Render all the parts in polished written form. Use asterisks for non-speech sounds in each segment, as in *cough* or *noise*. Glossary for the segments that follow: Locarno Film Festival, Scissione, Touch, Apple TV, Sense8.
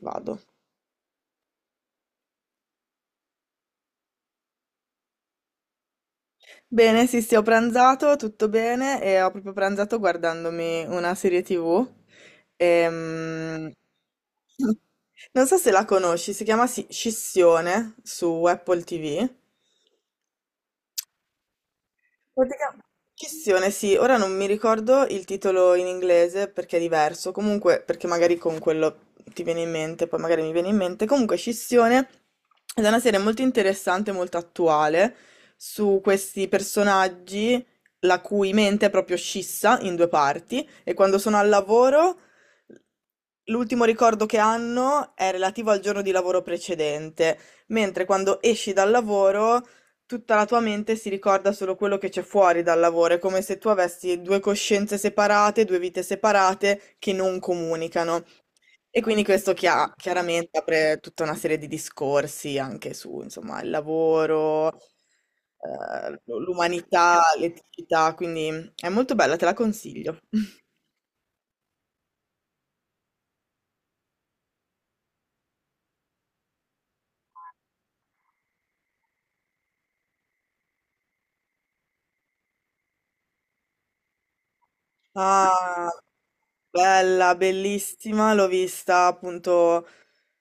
Vado. Bene, sì, sì, ho pranzato, tutto bene e ho proprio pranzato guardandomi una serie TV. Ehm, *laughs* Non so se la conosci, si chiama Scissione su Apple TV. Bottega Chissione, sì, ora non mi ricordo il titolo in inglese perché è diverso, comunque perché magari con quello ti viene in mente, poi magari mi viene in mente. Comunque Scissione ed è una serie molto interessante, molto attuale, su questi personaggi la cui mente è proprio scissa in due parti e quando sono al lavoro l'ultimo ricordo che hanno è relativo al giorno di lavoro precedente, mentre quando esci dal lavoro tutta la tua mente si ricorda solo quello che c'è fuori dal lavoro, è come se tu avessi due coscienze separate, due vite separate che non comunicano. E quindi questo chiaramente apre tutta una serie di discorsi anche su, insomma, il lavoro, l'umanità, l'eticità, quindi è molto bella, te la consiglio. *laughs* Ah, bella, bellissima, l'ho vista appunto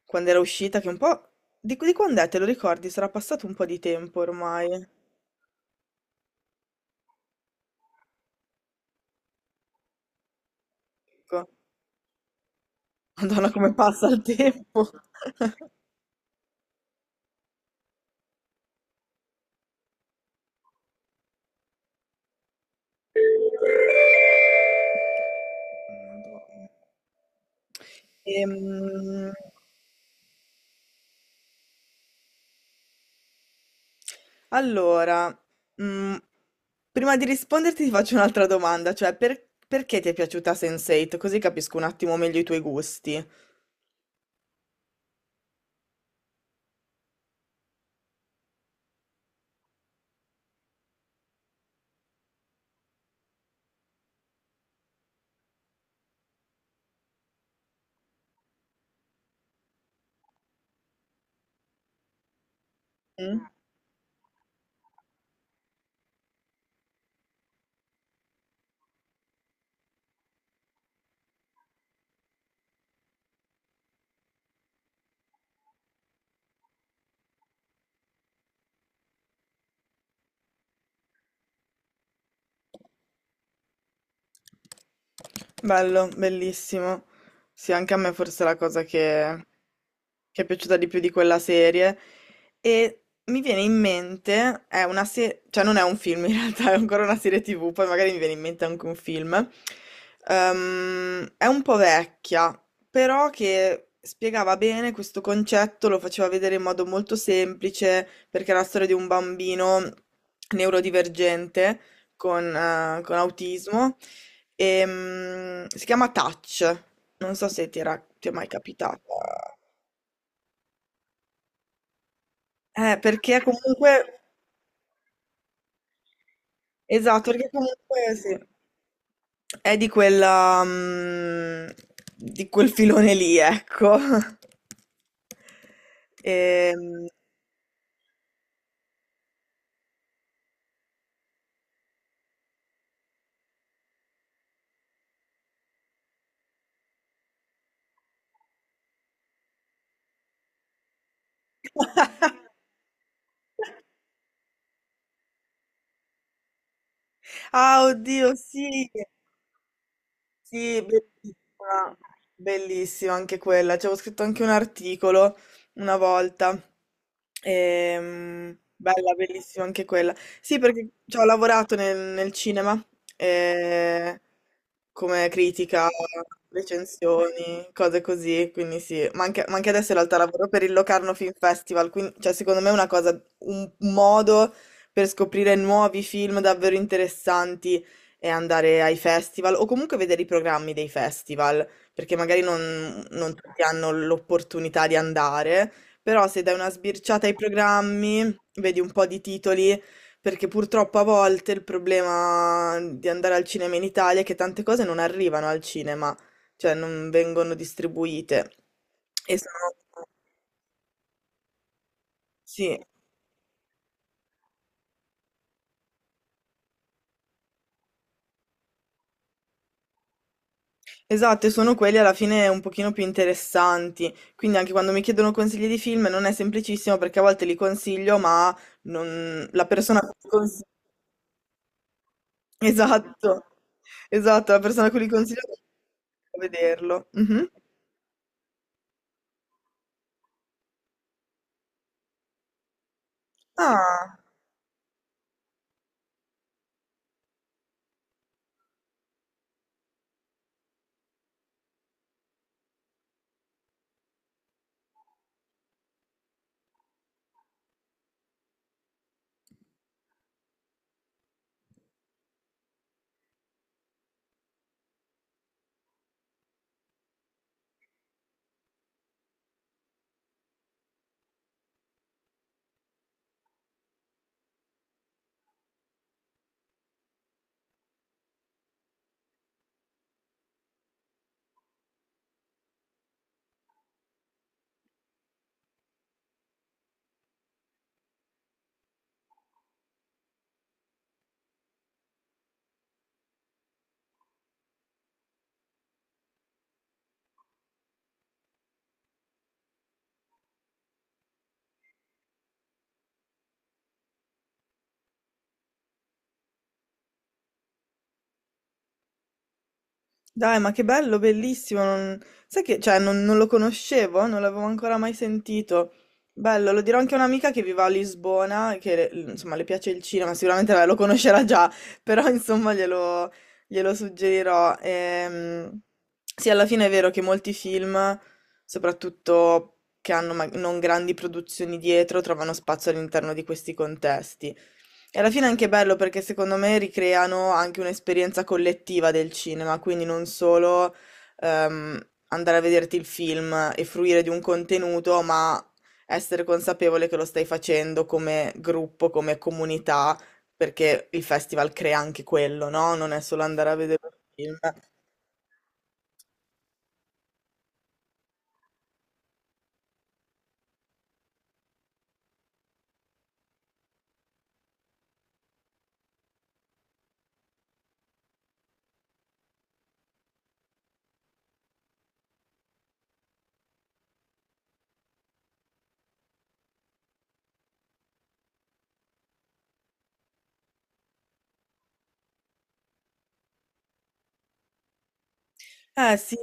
quando era uscita, che un po'... Di quando è? Te lo ricordi? Sarà passato un po' di tempo ormai. Ecco. *laughs* Madonna, come passa il tempo. *laughs* Madonna. Ehm, allora, mm, prima di risponderti ti faccio un'altra domanda, cioè perché ti è piaciuta Sense8? Così capisco un attimo meglio i tuoi gusti. Mm? Bello, bellissimo. Sì, anche a me forse è la cosa che è piaciuta di più di quella serie. E mi viene in mente, è una serie, cioè non è un film in realtà, *laughs* è ancora una serie TV, poi magari mi viene in mente anche un film. È un po' vecchia, però che spiegava bene questo concetto, lo faceva vedere in modo molto semplice, perché è la storia di un bambino neurodivergente con autismo. Si chiama Touch, non so se ti era, ti è mai capitata. Perché comunque, esatto, perché comunque sì, è di quella, di quel filone lì, ecco. *laughs* Ehm, ah, oddio, sì, sì, bellissima, bellissima anche quella. Ci avevo scritto anche un articolo una volta. Bella, bellissima anche quella. Sì, perché ci ho lavorato nel cinema, eh, come critica, recensioni, cose così. Quindi sì, ma anche adesso in realtà lavoro per il Locarno Film Festival. Quindi, cioè, secondo me è una cosa, un modo per scoprire nuovi film davvero interessanti e andare ai festival o comunque vedere i programmi dei festival, perché magari non tutti hanno l'opportunità di andare, però se dai una sbirciata ai programmi, vedi un po' di titoli, perché purtroppo a volte il problema di andare al cinema in Italia è che tante cose non arrivano al cinema, cioè non vengono distribuite. E sono... Sì. Esatto, e sono quelli alla fine un pochino più interessanti. Quindi anche quando mi chiedono consigli di film non è semplicissimo perché a volte li consiglio, ma non... la persona a cui li consiglio... *laughs* Esatto, esatto, la persona a cui li consiglio non può vederlo. Mhm. Ah. Dai, ma che bello, bellissimo. Sai che, cioè, non lo conoscevo, non l'avevo ancora mai sentito. Bello, lo dirò anche a un'amica che vive a Lisbona, e che, insomma, le piace il cinema, sicuramente vabbè, lo conoscerà già, *laughs* però, insomma, glielo suggerirò. Sì, alla fine è vero che molti film, soprattutto che hanno non grandi produzioni dietro, trovano spazio all'interno di questi contesti. E alla fine è anche bello perché secondo me ricreano anche un'esperienza collettiva del cinema, quindi non solo andare a vederti il film e fruire di un contenuto, ma essere consapevole che lo stai facendo come gruppo, come comunità, perché il festival crea anche quello, no? Non è solo andare a vedere un film. Eh sì.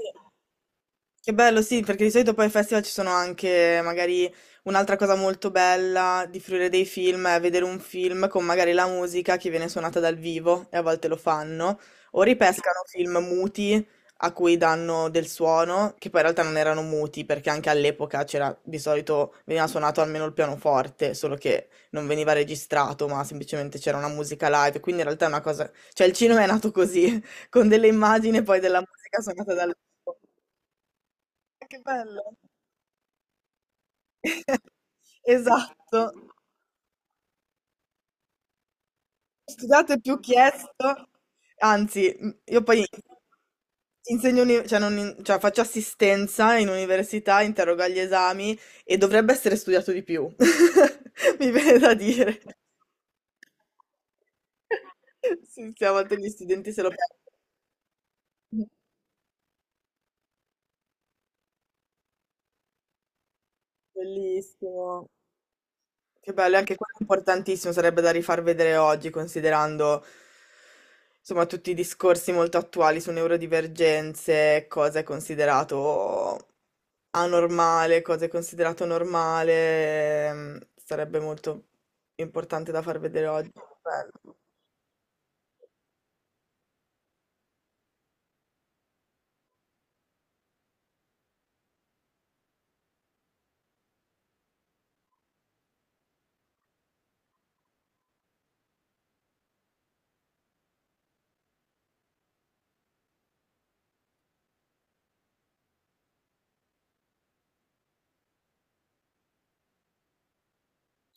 Che bello, sì, perché di solito poi ai festival ci sono anche magari un'altra cosa molto bella di fruire dei film è vedere un film con magari la musica che viene suonata dal vivo e a volte lo fanno, o ripescano film muti a cui danno del suono, che poi in realtà non erano muti perché anche all'epoca c'era di solito veniva suonato almeno il pianoforte, solo che non veniva registrato, ma semplicemente c'era una musica live, quindi in realtà è una cosa, cioè il cinema è nato così, *laughs* con delle immagini e poi della musica suonata dal vivo. Che bello. *laughs* Esatto. Studiate più chiesto. Anzi, io poi insegno, cioè non in- cioè faccio assistenza in università, interrogo agli esami e dovrebbe essere studiato di più. *laughs* Mi viene da dire. *laughs* Sì, siamo degli studenti se lo perdono. Bellissimo. Che bello, e anche quello è importantissimo, sarebbe da rifar vedere oggi, considerando insomma tutti i discorsi molto attuali su neurodivergenze, cosa è considerato anormale, cosa è considerato normale, sarebbe molto importante da far vedere oggi. Bello.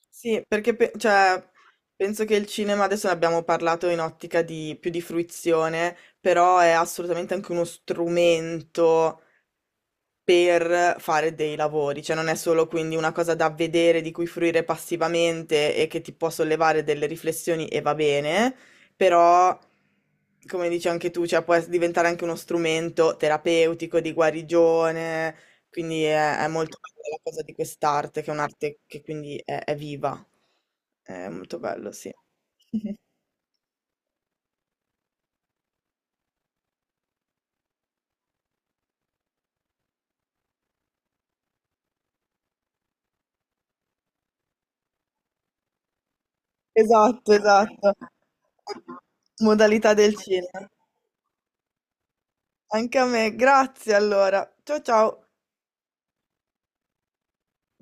Sì, perché cioè, penso che il cinema, adesso ne abbiamo parlato in ottica di più di fruizione, però è assolutamente anche uno strumento per fare dei lavori, cioè non è solo quindi una cosa da vedere, di cui fruire passivamente e che ti può sollevare delle riflessioni e va bene, però come dici anche tu, cioè può diventare anche uno strumento terapeutico di guarigione, quindi è molto bella la cosa di quest'arte, che è un'arte che quindi è viva. È molto bello, sì. *laughs* Esatto, esatto. Modalità del cinema. Anche a me, grazie allora. Ciao ciao.